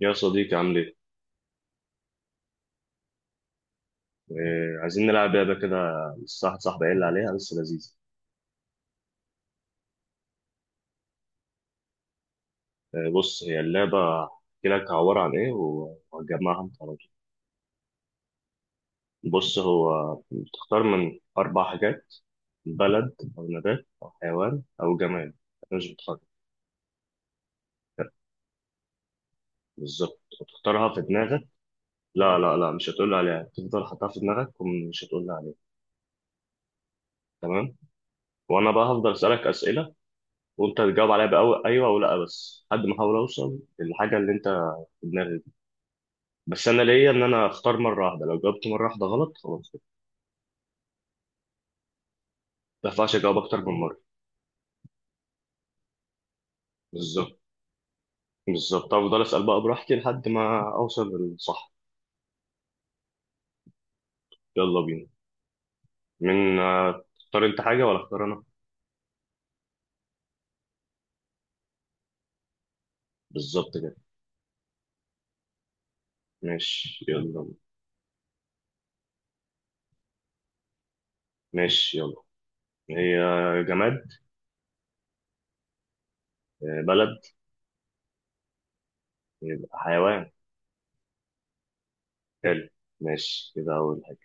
يا صديقي عامل ايه؟ عايزين نلعب لعبة كده. لسه واحد صاحبي قال لي عليها، لسه لذيذة. بص، هي اللعبة هحكي لك عبارة عن ايه، وهتجمعها انت على طول. بص، هو بتختار من أربع حاجات: بلد أو نبات أو حيوان أو جماد. مش بتفكر، بالظبط، وتختارها في دماغك. لا لا لا، مش هتقول لي عليها، تفضل حاطها في دماغك ومش هتقول لي عليها. تمام؟ وأنا بقى هفضل أسألك أسئلة، وأنت تجاوب عليها بأيوه أو لأ، بس لحد ما أحاول أوصل للحاجة اللي أنت في دماغك. بس انا ليا ان انا اختار مره واحده، لو جاوبت مره واحده غلط خلاص كده. ما ينفعش اجاوب اكتر من مره. بالظبط. بالظبط، افضل اسال بقى براحتي لحد ما اوصل للصح. يلا بينا. من تختار انت حاجه ولا اختار انا؟ بالظبط كده. ماشي يلا. ماشي يلا. هي جماد. بلد. يبقى حيوان. حلو. ماشي كده، اول حاجه،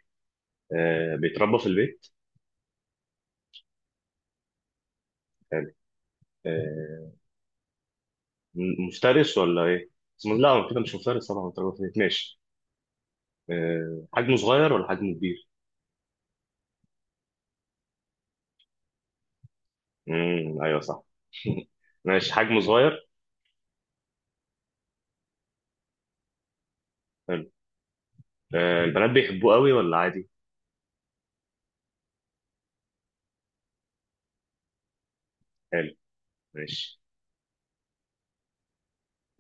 بيتربى في البيت. حلو. آه، مفترس ولا ايه؟ لا هو كده مش مفترس طبعا، بيتربى في البيت. ماشي. حجمه صغير ولا حجمه كبير؟ ايوه صح. ماشي، حجمه صغير. حلو. البنات بيحبوه قوي ولا عادي؟ حلو. ماشي.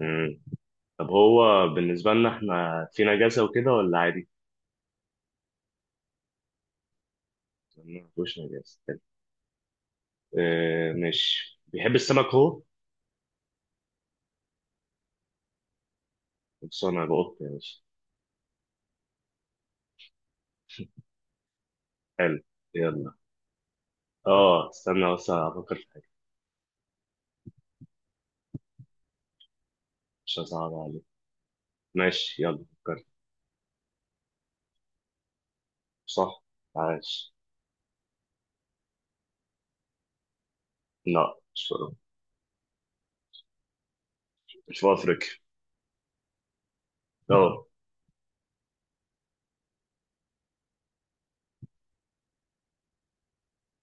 امم طب هو بالنسبة لنا احنا في نجاسة وكده ولا عادي؟ ما فيهوش نجاسة. حلو. ماشي، بيحب السمك هو. بص انا بقط، ماشي. حلو. يلا. اه، استنى بس افكر في حاجة. مش هصعب عليك. ماشي يلا، فكرت. صح. عاش. لا، مش في أوروبا. مش في افريقيا. اه.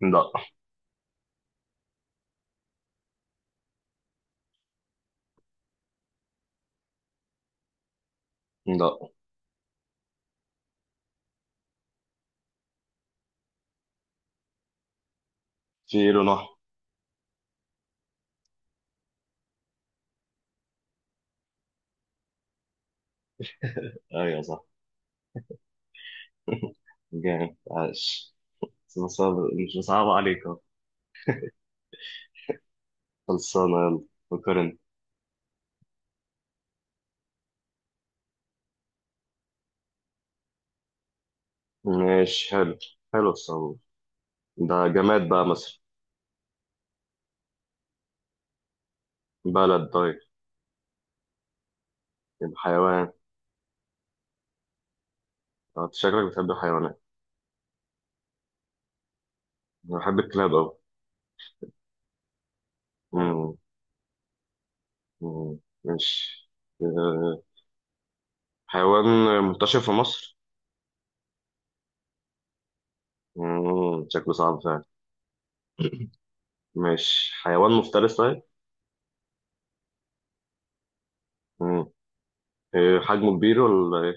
لا لا، في لون احمر. ايوه صح. جامد، عاش. بس مش مصعب عليك أهو. خلصانة يلا. وكرن. ماشي حلو. حلو الصعوبة. ده جماد بقى مثلا. بلد طيب. يبقى حيوان. أنت شكلك بتحب الحيوانات. أنا بحب الكلاب أوي. مم. مم. ماشي. آه، حيوان منتشر في مصر. مم. شكله صعب فعلا. ماشي، حيوان مفترس طيب. مم. حجمه كبير ولا إيه؟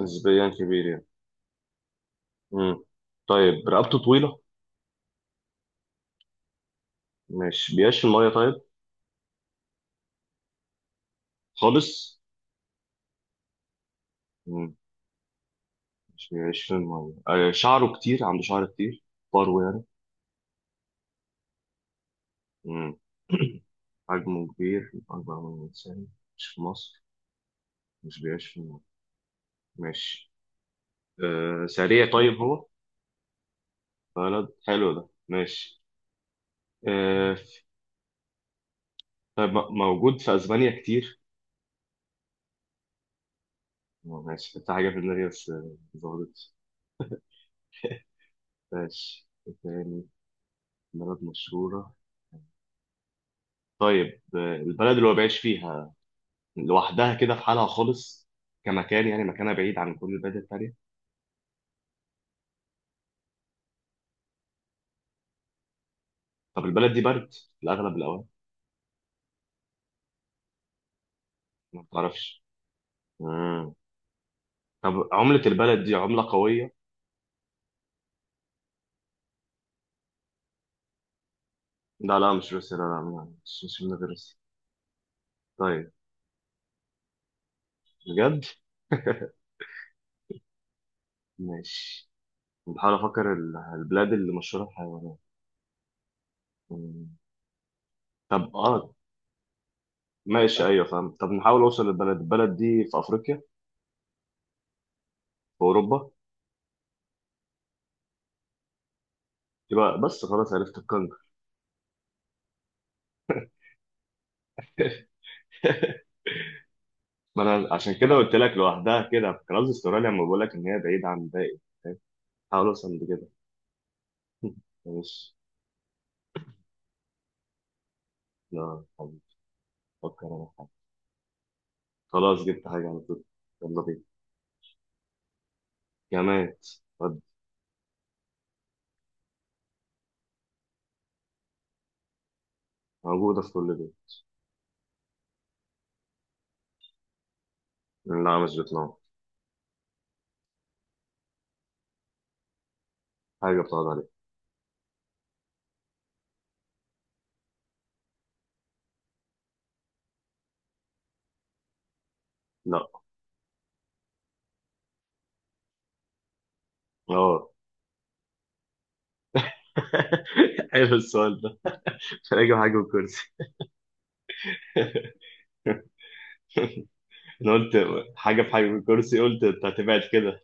نسبيا كبير يعني. مم. طيب رقبته طويلة. مش بيعيش في المية طيب. خالص. مم. مش بيعيش في المية. شعره كتير، عنده شعر كتير، فرو يعني. مم. حجمه كبير، أكبر من الإنسان، مش في مصر، مش بيعيش في المية. ماشي. آه سريع طيب هو؟ بلد، حلو ده، ماشي. آه. طيب، موجود في أسبانيا كتير. ماشي، كنت حاجة في دماغي بس ظهرت. ماشي، إيه تاني؟ بلد مشهورة. طيب، البلد اللي هو بيعيش فيها لوحدها كده في حالها خالص، كمكان يعني، مكانها بعيد عن كل البلد التانية. طب البلد دي برد في الأغلب الأوقات؟ ما بتعرفش. مم. طب عملة البلد دي عملة قوية؟ لا لا، مش روسيا. لا لا، مش من غير روسيا. طيب. بجد؟ ماشي. بحاول أفكر البلاد اللي مشهورة بالحيوانات. مم. طب اه، ماشي. أيوه فاهم. طب نحاول أوصل للبلد. البلد دي في أفريقيا؟ في أوروبا؟ يبقى بس خلاص، عرفت، الكنغر. ما أنا عشان كده قلت لك لوحدها كده، كان قصدي استراليا، لما بقول لك إن هي بعيدة عن الباقي. فاهم؟ حاول أوصل لكده. ماشي. لا، فكر انا في حاجة. خلاص، جبت حاجة على طول. يلا بينا. جماد. طب. موجودة في كل بيت. لا، مش بتنام. حاجة بتقعد عليها. لا. اه. حلو السؤال ده. مش هلاقي حاجة بالكرسي. انا قلت حاجة، في حاجة بالكرسي، قلت انت هتبعد كده.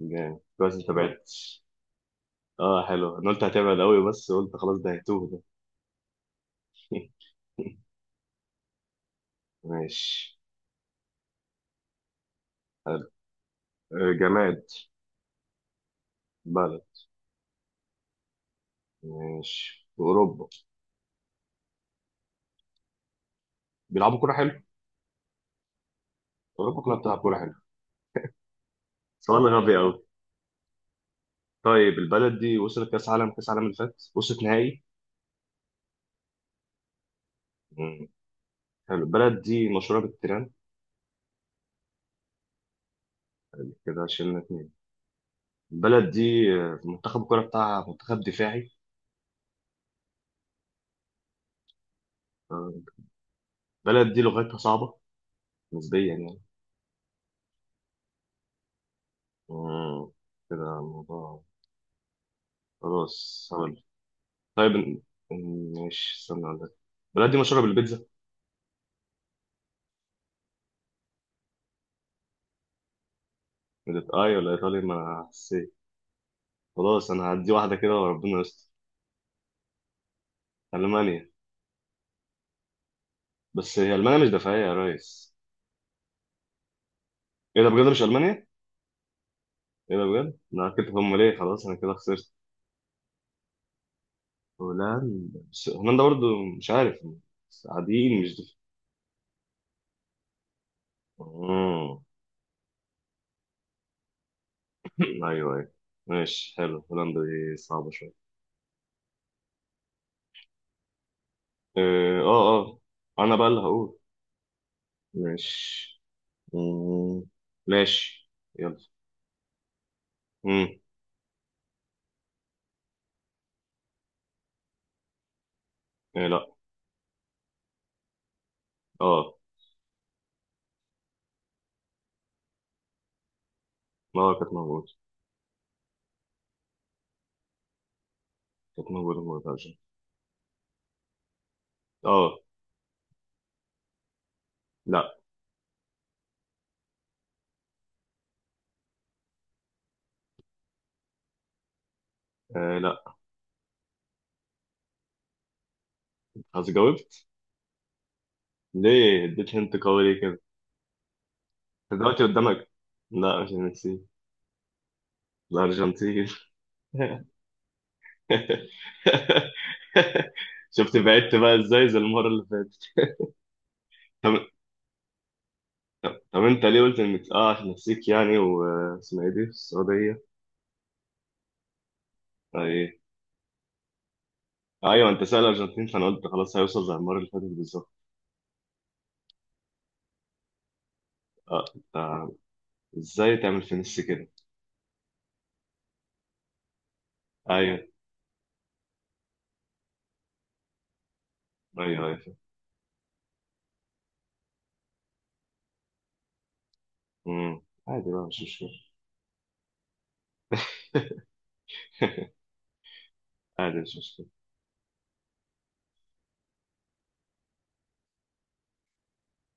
جامد، بس انت بعدت. اه، حلو، انا قلت هتبعد قوي، بس قلت خلاص ده هيتوه ده. ماشي حلو. جماد. بلد. ماشي، في اوروبا. بيلعبوا كورة. حلو. اوروبا كلها بتلعب كورة. حلو. سؤال غبي قوي. طيب البلد دي وصلت كاس عالم اللي فات، وصلت نهائي. مم. حلو. البلد دي مشهوره بالتيران. كده شلنا اتنين. البلد دي، منتخب الكوره بتاعها منتخب دفاعي. آه، البلد دي لغتها صعبه، نسبيا يعني. مم. كده الموضوع خلاص هقول. طيب ماشي استنى اقول لك. البلد دي مشهوره بالبيتزا. اي، ولا ايطاليا ما حسيت. خلاص انا هدي واحده كده وربنا يستر. المانيا. بس هي المانيا مش دفاعيه يا ريس. ايه ده، بجد مش المانيا؟ ايه ده بجد؟ انا اكلت فهم ليه، خلاص انا كده خسرت. هولندا، بس هولندا برضو مش عارف، بس قاعدين مش دف... آه. ايوه ايوه. ماشي حلو، هولندا دي صعبة شوية. اه اه. آه. انا بقى اللي هقول. ماشي. مم. ماشي يلا. مم. إيه لا. اه. اه كانت موجودة. كانت موجودة ما قلتهاش. اه. لا. آه لا. خلاص، جاوبت. ليه اديت هنت قوي ليه كده؟ دلوقتي قدامك. لا، مش النسيج. الأرجنتين. شفت بعدت بقى ازاي زي المرة اللي فاتت. طب طب انت ليه قلت انك اه عشان نسيك يعني، واسمها ايه دي في السعودية؟ آه ايه. ايوه، انت سأل الارجنتين، فانا قلت خلاص هيوصل زي المرة اللي فاتت بالظبط. اه انت. ازاي تعمل في نفسي كده؟ ايوه ايوه ايوه. امم عادي بقى، مش مشكلة. عادي، مش مشكلة.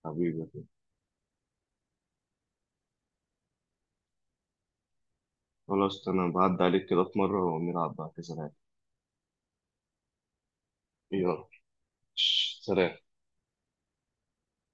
حبيبي. خلاص انا بعدي عليك كده في مرة، ونلعب بقى كذا لعبة. يلا. سلام.